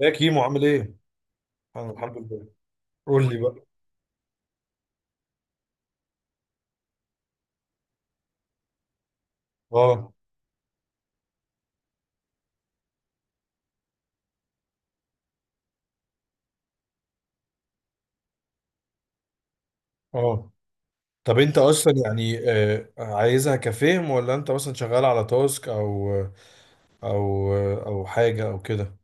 يا كيمو عامل ايه؟ انا الحمد لله. قول لي بقى. اه اه، طب انت اصلا يعني عايزها كفهم، ولا انت مثلا شغال على تاسك او او حاجه او كده.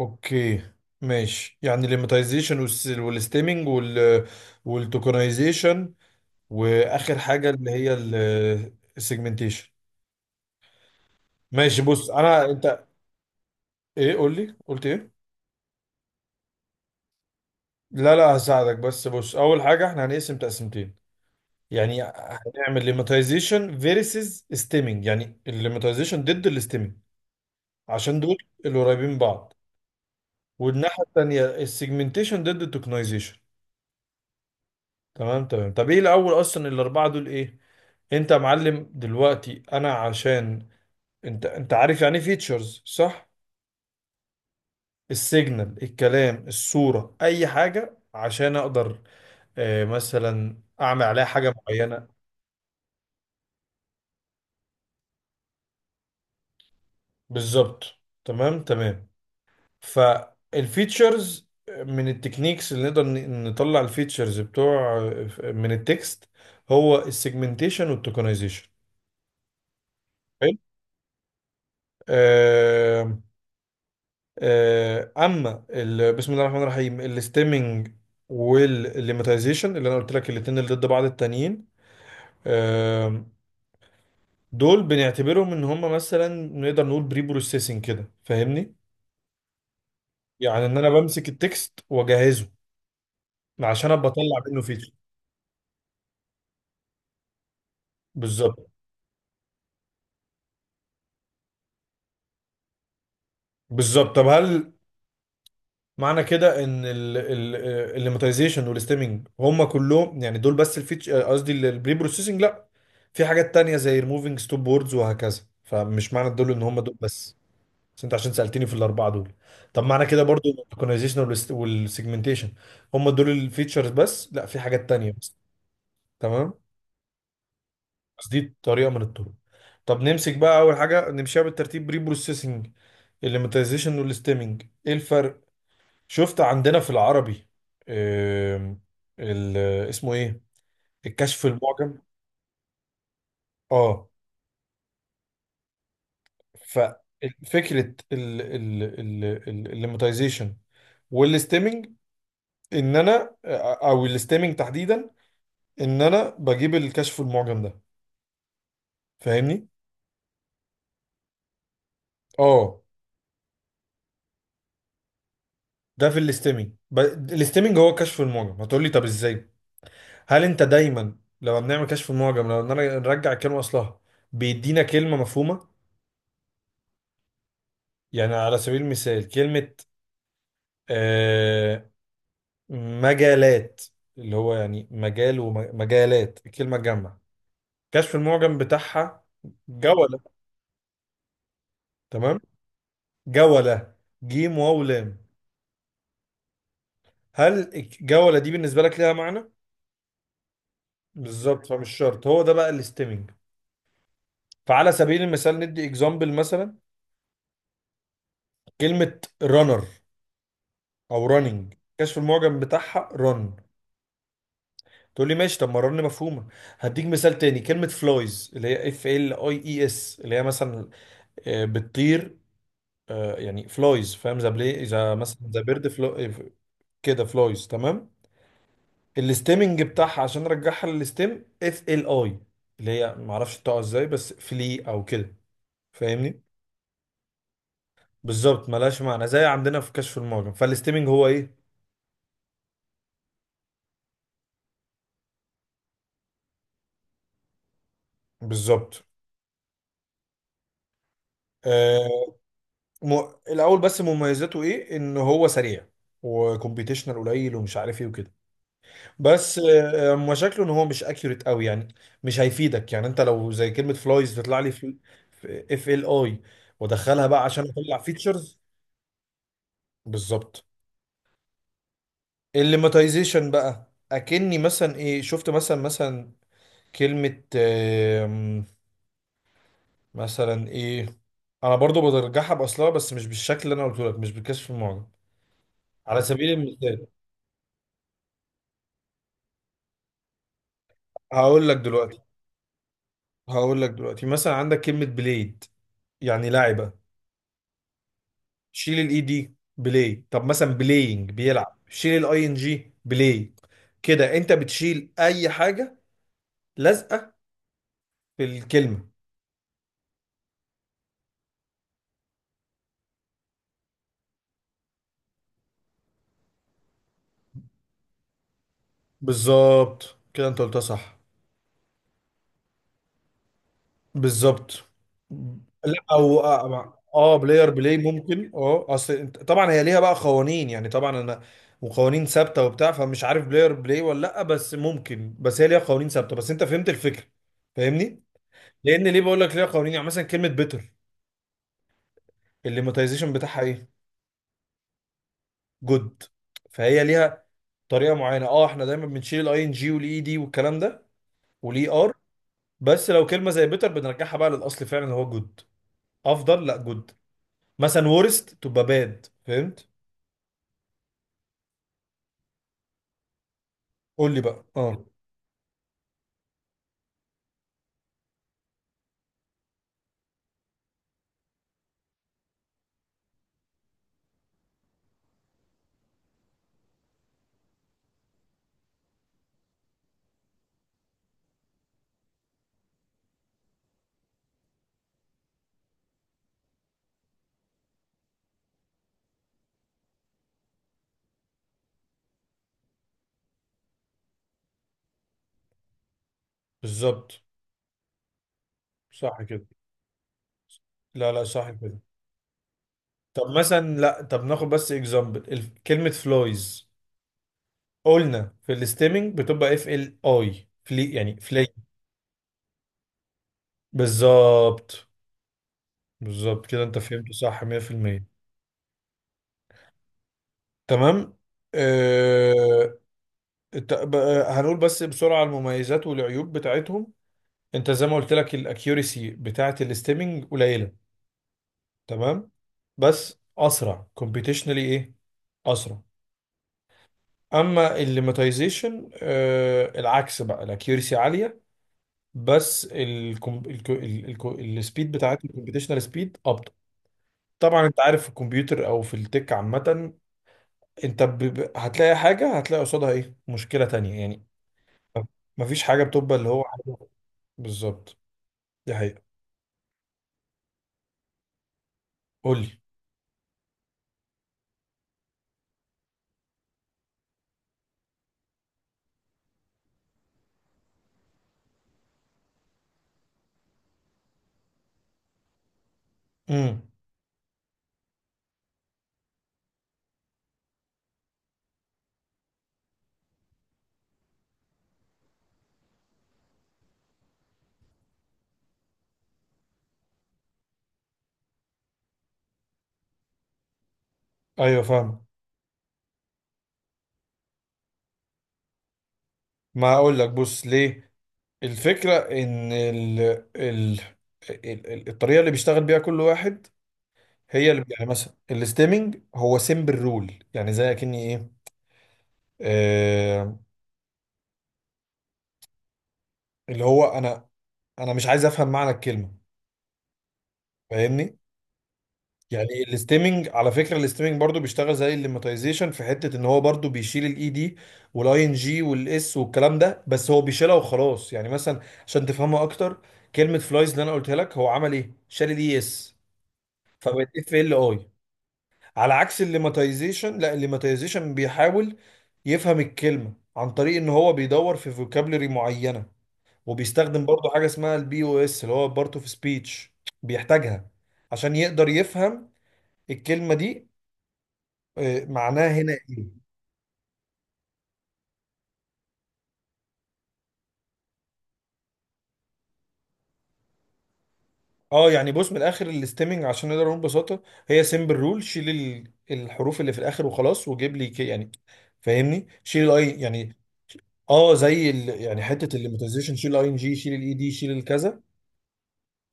اوكي ماشي، يعني الليماتيزيشن والستيمنج وال- والتوكنايزيشن، واخر حاجه اللي هي السيجمنتيشن. ماشي، بص انا انت، ايه قول لي قلت ايه. لا هساعدك، بس بص اول حاجه احنا هنقسم تقسيمتين، يعني هنعمل ليماتيزيشن فيرسز ستيمنج، يعني الليماتيزيشن ضد الستيمنج، عشان دول اللي قريبين من بعض، والناحية التانية السيجمنتيشن ضد التوكنايزيشن. تمام، طب ايه الاول اصلا الاربعة دول ايه. انت يا معلم دلوقتي انا عشان، انت عارف يعني فيتشرز صح، السيجنال الكلام الصورة اي حاجة عشان اقدر مثلا اعمل عليها حاجة معينة. بالظبط، تمام. فالفيتشرز من التكنيكس اللي نقدر نطلع الفيتشرز بتوع من التكست، هو السيجمنتيشن والتوكنايزيشن. حلو. آه، اما بسم الله الرحمن الرحيم، الاستيمنج والليماتيزيشن اللي انا قلت لك الاتنين اللي ضد بعض التانيين، آه، دول بنعتبرهم ان هم مثلا نقدر نقول بري بروسيسنج كده، فاهمني، يعني ان انا بمسك التكست واجهزه عشان ابقى اطلع منه فيتشر. بالظبط، بالظبط. طب هل معنى كده ان الليماتيزيشن والستيمنج هم كلهم يعني دول بس الفيتش، قصدي البري بروسيسنج؟ لا، في حاجات تانية زي ريموفينج ستوب بوردز وهكذا، فمش معنى دول ان هم دول بس، بس انت عشان سألتني في الاربعه دول. طب معنى كده برضو الاورجنايزيشن والسيجمنتيشن هم دول الفيتشرز بس؟ لا، في حاجات تانية، بس تمام. بس دي طريقه من الطرق. طب نمسك بقى اول حاجه نمشيها بالترتيب، بري بروسيسنج، الليماتيزيشن والستيمنج ايه الفرق. شفت عندنا في العربي، آم، ال- اسمه ايه، الكشف المعجم. اه، ففكرة الليماتيزيشن والستيمنج ان انا، او الستيمنج تحديدا، ان انا بجيب الكشف المعجم ده، فاهمني. اه، ده في الستيمنج. الستيمنج هو كشف المعجم، هتقول لي طب ازاي، هل انت دايما لما بنعمل كشف المعجم لو إن أنا نرجع الكلمة اصلها بيدينا كلمة مفهومة؟ يعني على سبيل المثال كلمة آه مجالات، اللي هو يعني مجال ومجالات، الكلمة تجمع، كشف المعجم بتاعها جولة. تمام، جولة، جيم واو لام. هل الجولة دي بالنسبة لك ليها معنى؟ بالظبط، فمش شرط، هو ده بقى الاستيمنج. فعلى سبيل المثال، ندي اكزامبل، مثلا كلمة رانر او راننج، كشف المعجم بتاعها رن، تقول لي ماشي، طب ما رن مفهومة. هديك مثال تاني، كلمة فلايز اللي هي اف ال اي اي اس، اللي هي مثلا بتطير، يعني فلايز، فاهم، ذا بلاي، ذا مثلا ذا بيرد فلو كده، فلايز تمام. الاستيمنج بتاعها عشان ارجعها للاستيم، اف ال اي، اللي هي معرفش بتقع ازاي، بس فلي او كده، فاهمني. بالظبط، ملهاش معنى زي عندنا في كشف المعجم. فالاستيمنج هو ايه، بالظبط. آه م... الاول بس مميزاته ايه، ان هو سريع وكمبيوتيشنال قليل ومش عارف ايه وكده، بس مشاكله ان هو مش اكيوريت قوي يعني، مش هيفيدك يعني. انت لو زي كلمه فلايز تطلع لي في اف ال اي وادخلها بقى عشان اطلع فيتشرز. بالظبط. الليماتيزيشن بقى اكني مثلا ايه، شفت، مثلا كلمه مثلا ايه، انا برضو برجعها باصلها بس مش بالشكل اللي انا قلته لك، مش بالكشف المعجم. على سبيل المثال، هقول لك دلوقتي، هقول لك دلوقتي، مثلا عندك كلمه بليد يعني لاعب، شيل الاي دي، بلاي. طب مثلا بلاينج، بيلعب، شيل الاي ان جي، بلاي. كده انت بتشيل اي حاجه لازقه في الكلمه. بالظبط، كده انت قلتها صح. بالظبط. لا او اه بلاير بلاي ممكن اه، اصل انت طبعا هي ليها بقى قوانين يعني، طبعا انا، وقوانين ثابته وبتاع، فمش عارف بلاير بلاي ولا لا، بس ممكن، بس هي ليها قوانين ثابته، بس انت فهمت الفكره، فاهمني. لان ليه بقول لك ليها قوانين، يعني مثلا كلمه بيتر، الليماتيزيشن بتاعها ايه، جود. فهي ليها طريقه معينه، اه احنا دايما بنشيل الاي ان جي والاي دي والكلام ده والاي ار، بس لو كلمه زي بيتر بنرجعها بقى للاصل فعلا اللي هو جود، افضل لا جود. مثلا ورست تبقى باد، فهمت. قول لي بقى، اه. بالظبط، صح كده. لا لا، صح كده. طب مثلا، لا طب ناخد بس اكزامبل، كلمه فلويز، قلنا في الستيمنج بتبقى اف ال اي، فلي، يعني فلي. بالظبط، بالظبط، كده انت فهمت صح 100%. تمام. آه... هنقول بس بسرعة المميزات والعيوب بتاعتهم. انت زي ما قلت لك الاكيوريسي بتاعة الاستيمنج قليلة، تمام، بس اسرع كومبيتيشنالي، ايه اسرع. اما الليماتيزيشن العكس بقى، الاكيوريسي عالية بس السبيد بتاعته، الكومبيتيشنال سبيد، ابطأ. طبعا انت عارف في الكمبيوتر او في التك عامة، انت هتلاقي حاجة هتلاقي قصادها ايه، مشكلة تانية يعني، مفيش حاجه بتبقى اللي هو حاجه. بالظبط، دي حقيقه. قول لي. امم، ايوه فاهم. ما اقول لك بص ليه، الفكره ان ال... ال... الطريقه اللي بيشتغل بيها كل واحد هي اللي، يعني مثلا الاستيمنج هو سيمبل رول، يعني زي اكني ايه، آه... اللي هو انا، انا مش عايز افهم معنى الكلمه، فاهمني. يعني الاستيمنج، على فكره الاستيمنج برضو بيشتغل زي الليماتيزيشن في حته ان هو برضو بيشيل الاي دي والاي ان جي والاس والكلام ده، بس هو بيشيلها وخلاص. يعني مثلا، عشان تفهمها اكتر، كلمه فلايز اللي انا قلتها لك، هو عمل ايه، شال الاي اس، فبقت اف ال اي. على عكس الليماتيزيشن، لا الليماتيزيشن بيحاول يفهم الكلمه عن طريق ان هو بيدور في فوكابولري معينه، وبيستخدم برضو حاجه اسمها البي او اس اللي هو بارت اوف سبيتش، بيحتاجها عشان يقدر يفهم الكلمه دي، معناه هنا ايه. اه يعني بص من الاخر الاستيمنج عشان نقدر نقول ببساطه، هي سيمبل رول، شيل الحروف اللي في الاخر وخلاص وجيب لي كي يعني، فاهمني، شيل الاي يعني. اه زي ال، يعني حته الليماتيزيشن، شيل الاي ان جي، شيل الاي دي، شيل الكذا.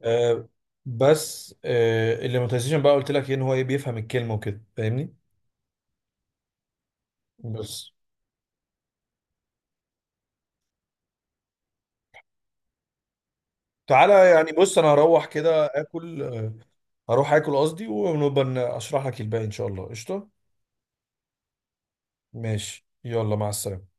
آه، بس آه الليماتيزيشن بقى قلت لك ان هو بيفهم الكلمه وكده، فاهمني. بس تعالى يعني، بص انا هروح كده اكل، هروح اكل قصدي، ونبقى اشرح لك الباقي ان شاء الله، قشطه. ماشي يلا، مع السلامه.